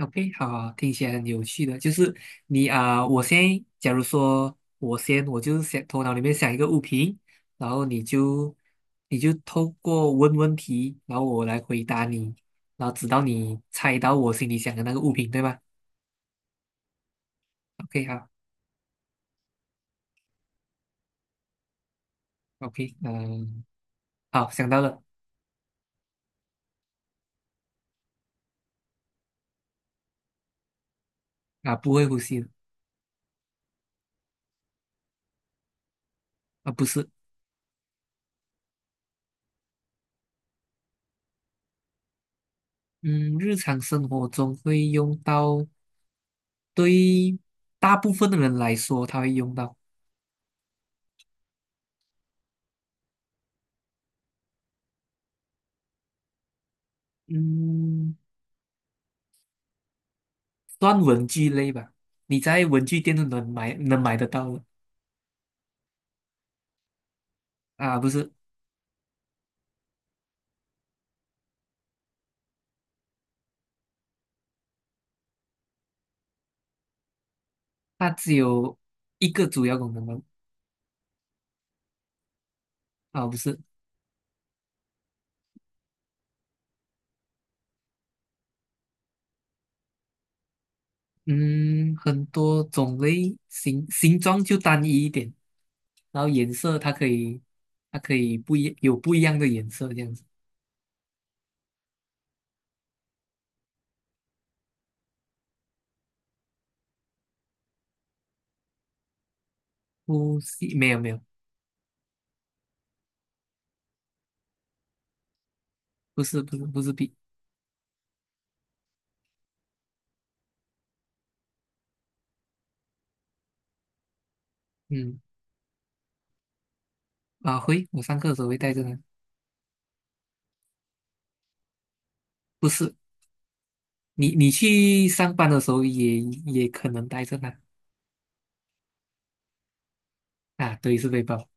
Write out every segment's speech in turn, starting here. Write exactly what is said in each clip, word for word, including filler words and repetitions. OK，好，听起来很有趣的。就是你啊、我先，假如说我先，我就是想头脑里面想一个物品，然后你就你就透过问问题，然后我来回答你，然后直到你猜到我心里想的那个物品，对吗？ o k 好，OK，嗯、好，想到了。啊，不会呼吸的。啊，不是。嗯，日常生活中会用到，对大部分的人来说，他会用到。嗯。算文具类吧，你在文具店都能买能买得到的。啊，不是。它只有一个主要功能吗？啊，不是。嗯，很多种类，形形状就单一一点，然后颜色它可以它可以不一有不一样的颜色这样子。不是没有没有，不是不是不是笔。嗯，啊会，我上课的时候会带着它。不是，你你去上班的时候也也可能带着它。啊，对，是背包。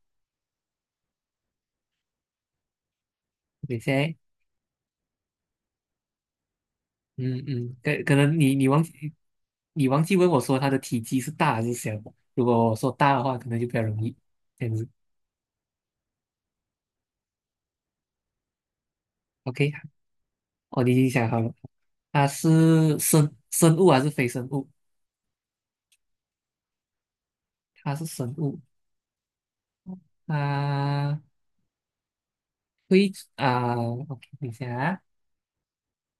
对，现在嗯嗯，可可能你你忘记，你忘记问我说它的体积是大还是小了？如果我说大的话，可能就比较容易这样子。OK，哦，你已经想好了，它是生生物还是非生物？它是生物。啊啊，OK，等一下啊，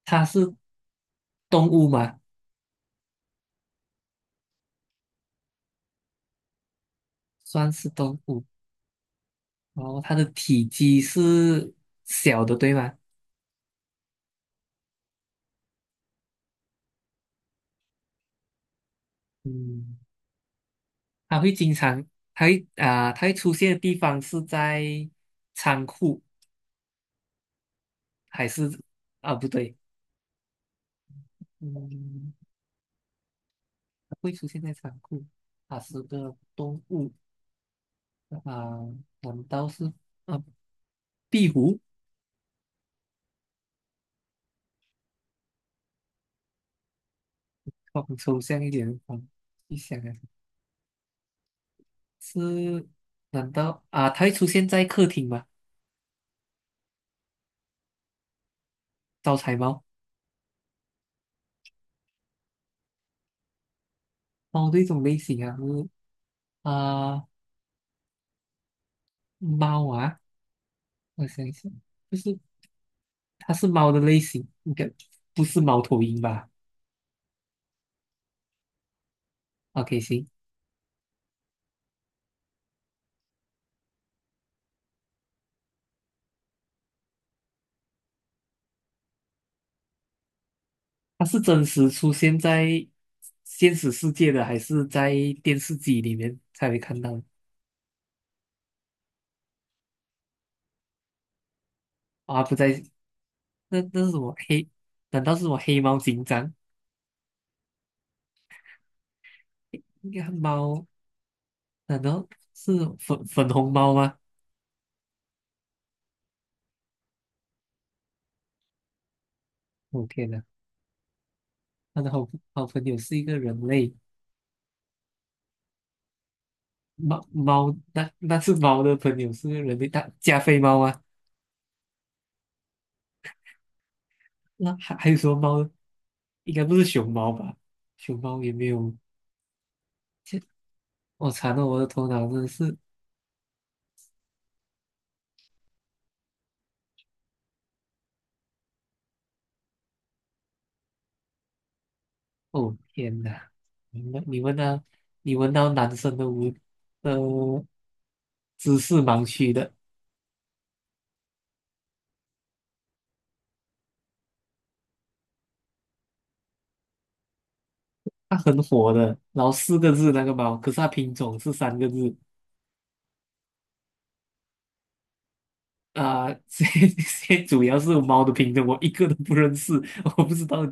它是动物嘛？算是动物。然后它的体积是小的，对吗？嗯，它会经常，它会啊、它会出现的地方是在仓库。还是啊不对。嗯，它会出现在仓库，它是个动物啊，难道是啊壁虎？往抽象一点往一想啊，是难道啊它会出现在客厅吗？招财猫。猫的一种类型啊，是啊猫啊。我想一想，就是它是猫的类型，应该不是猫头鹰吧？OK，行。它是真实出现在现实世界的，还是在电视机里面才会看到的？啊，不在。那那是什么黑？难道是我黑猫警长？应该猫？难道是粉粉红猫吗？我、天呐，他的好好朋友是一个人类，猫猫那那是猫的朋友是个人类，大加菲猫啊？那还还有什么猫呢，应该不是熊猫吧？熊猫也没有。切，我惨了，我的头脑真的是。哦天哪！你们你闻到，你闻到男生的无的知识盲区的。他很火的，然后四个字那个猫，可是它品种是三个字啊。这 谁主要是猫的品种，我一个都不认识，我不知道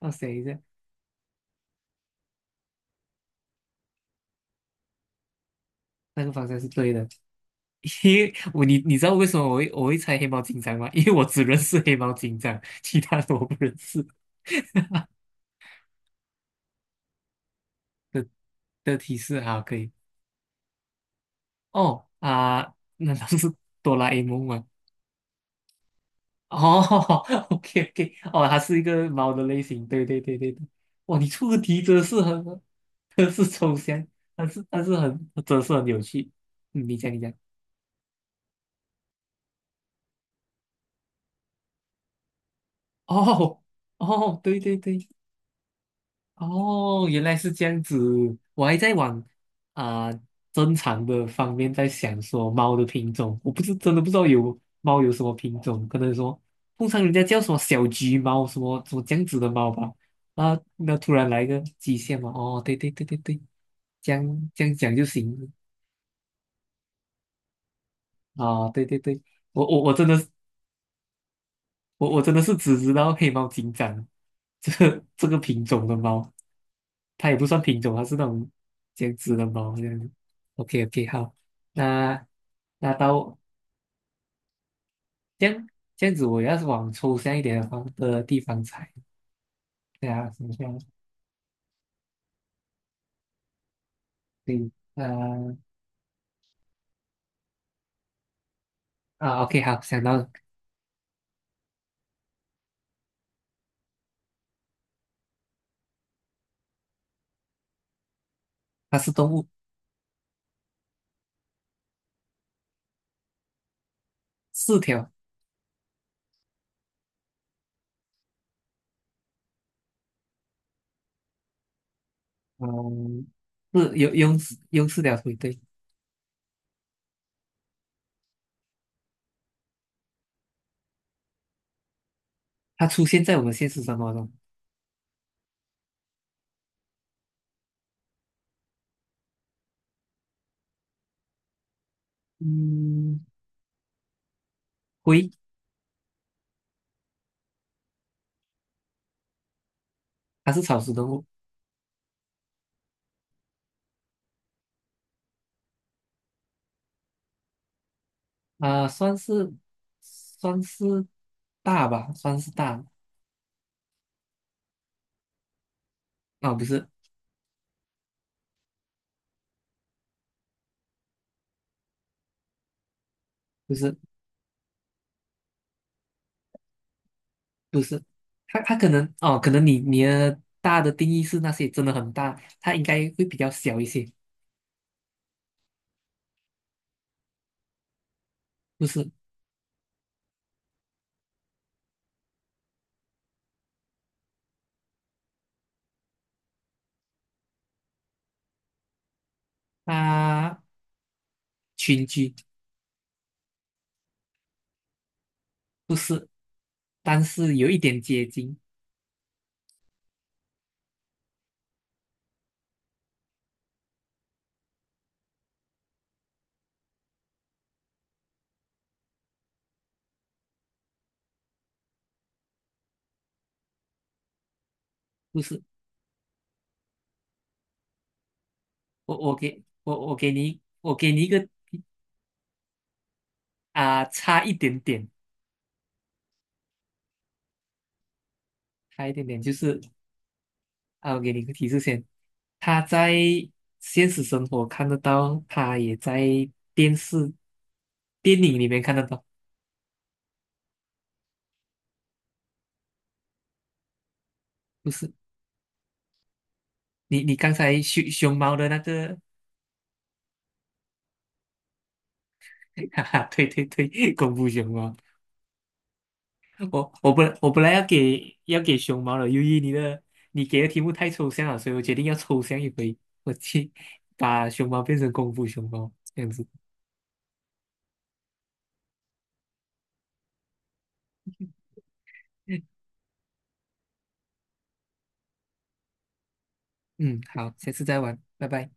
那谁一下那个方向是对的。因为我你你知道为什么我会我会猜黑猫警长吗？因为我只认识黑猫警长，其他的我不认识的的提示好可以。哦啊，难道是哆啦 A 梦吗？哦 ，OK OK，哦，它是一个猫的类型，对对对对对。哇，你出的题真的是很，真的是抽象，但是但是很，真的是很有趣。嗯，你讲你讲。哦哦，对对对。哦，原来是这样子，我还在往啊、正常的方面在想说猫的品种，我不是真的不知道有猫有什么品种，可能说通常人家叫什么小橘猫，什么什么这样子的猫吧。啊，那突然来一个极限嘛，哦，对对对对对，这样这样讲就行。啊，对对对，我我我真的，我我真的是只知道黑猫警长 这个这个品种的猫。它也不算品种，它是那种这样子的猫这样子。OK OK，好。那那到这样这样子，我要是往抽象一点的方的地方猜，对啊，想象对，呃啊，OK，好，想到了。它是动物。四条。嗯，是有用用四条腿，对。它出现在我们现实生活中。嗯，龟。它是草食动物。啊、算是算是大吧，算是大。啊、不是。不是不是。他他可能哦，可能你你的大的定义是那些真的很大，它应该会比较小一些。不是？它群居。不是，但是有一点接近。不是？我我给我我给你我给你一个，啊、差一点点。差一点点就是啊，我给你一个提示先，他在现实生活看得到，他也在电视电影里面看得到。不是？你你刚才熊熊猫的那个。哈哈，对对对，功夫熊猫。我我本我本来要给要给熊猫了，由于你的你给的题目太抽象了，所以我决定要抽象一回，我去把熊猫变成功夫熊猫这样子。嗯，好，下次再玩，拜拜。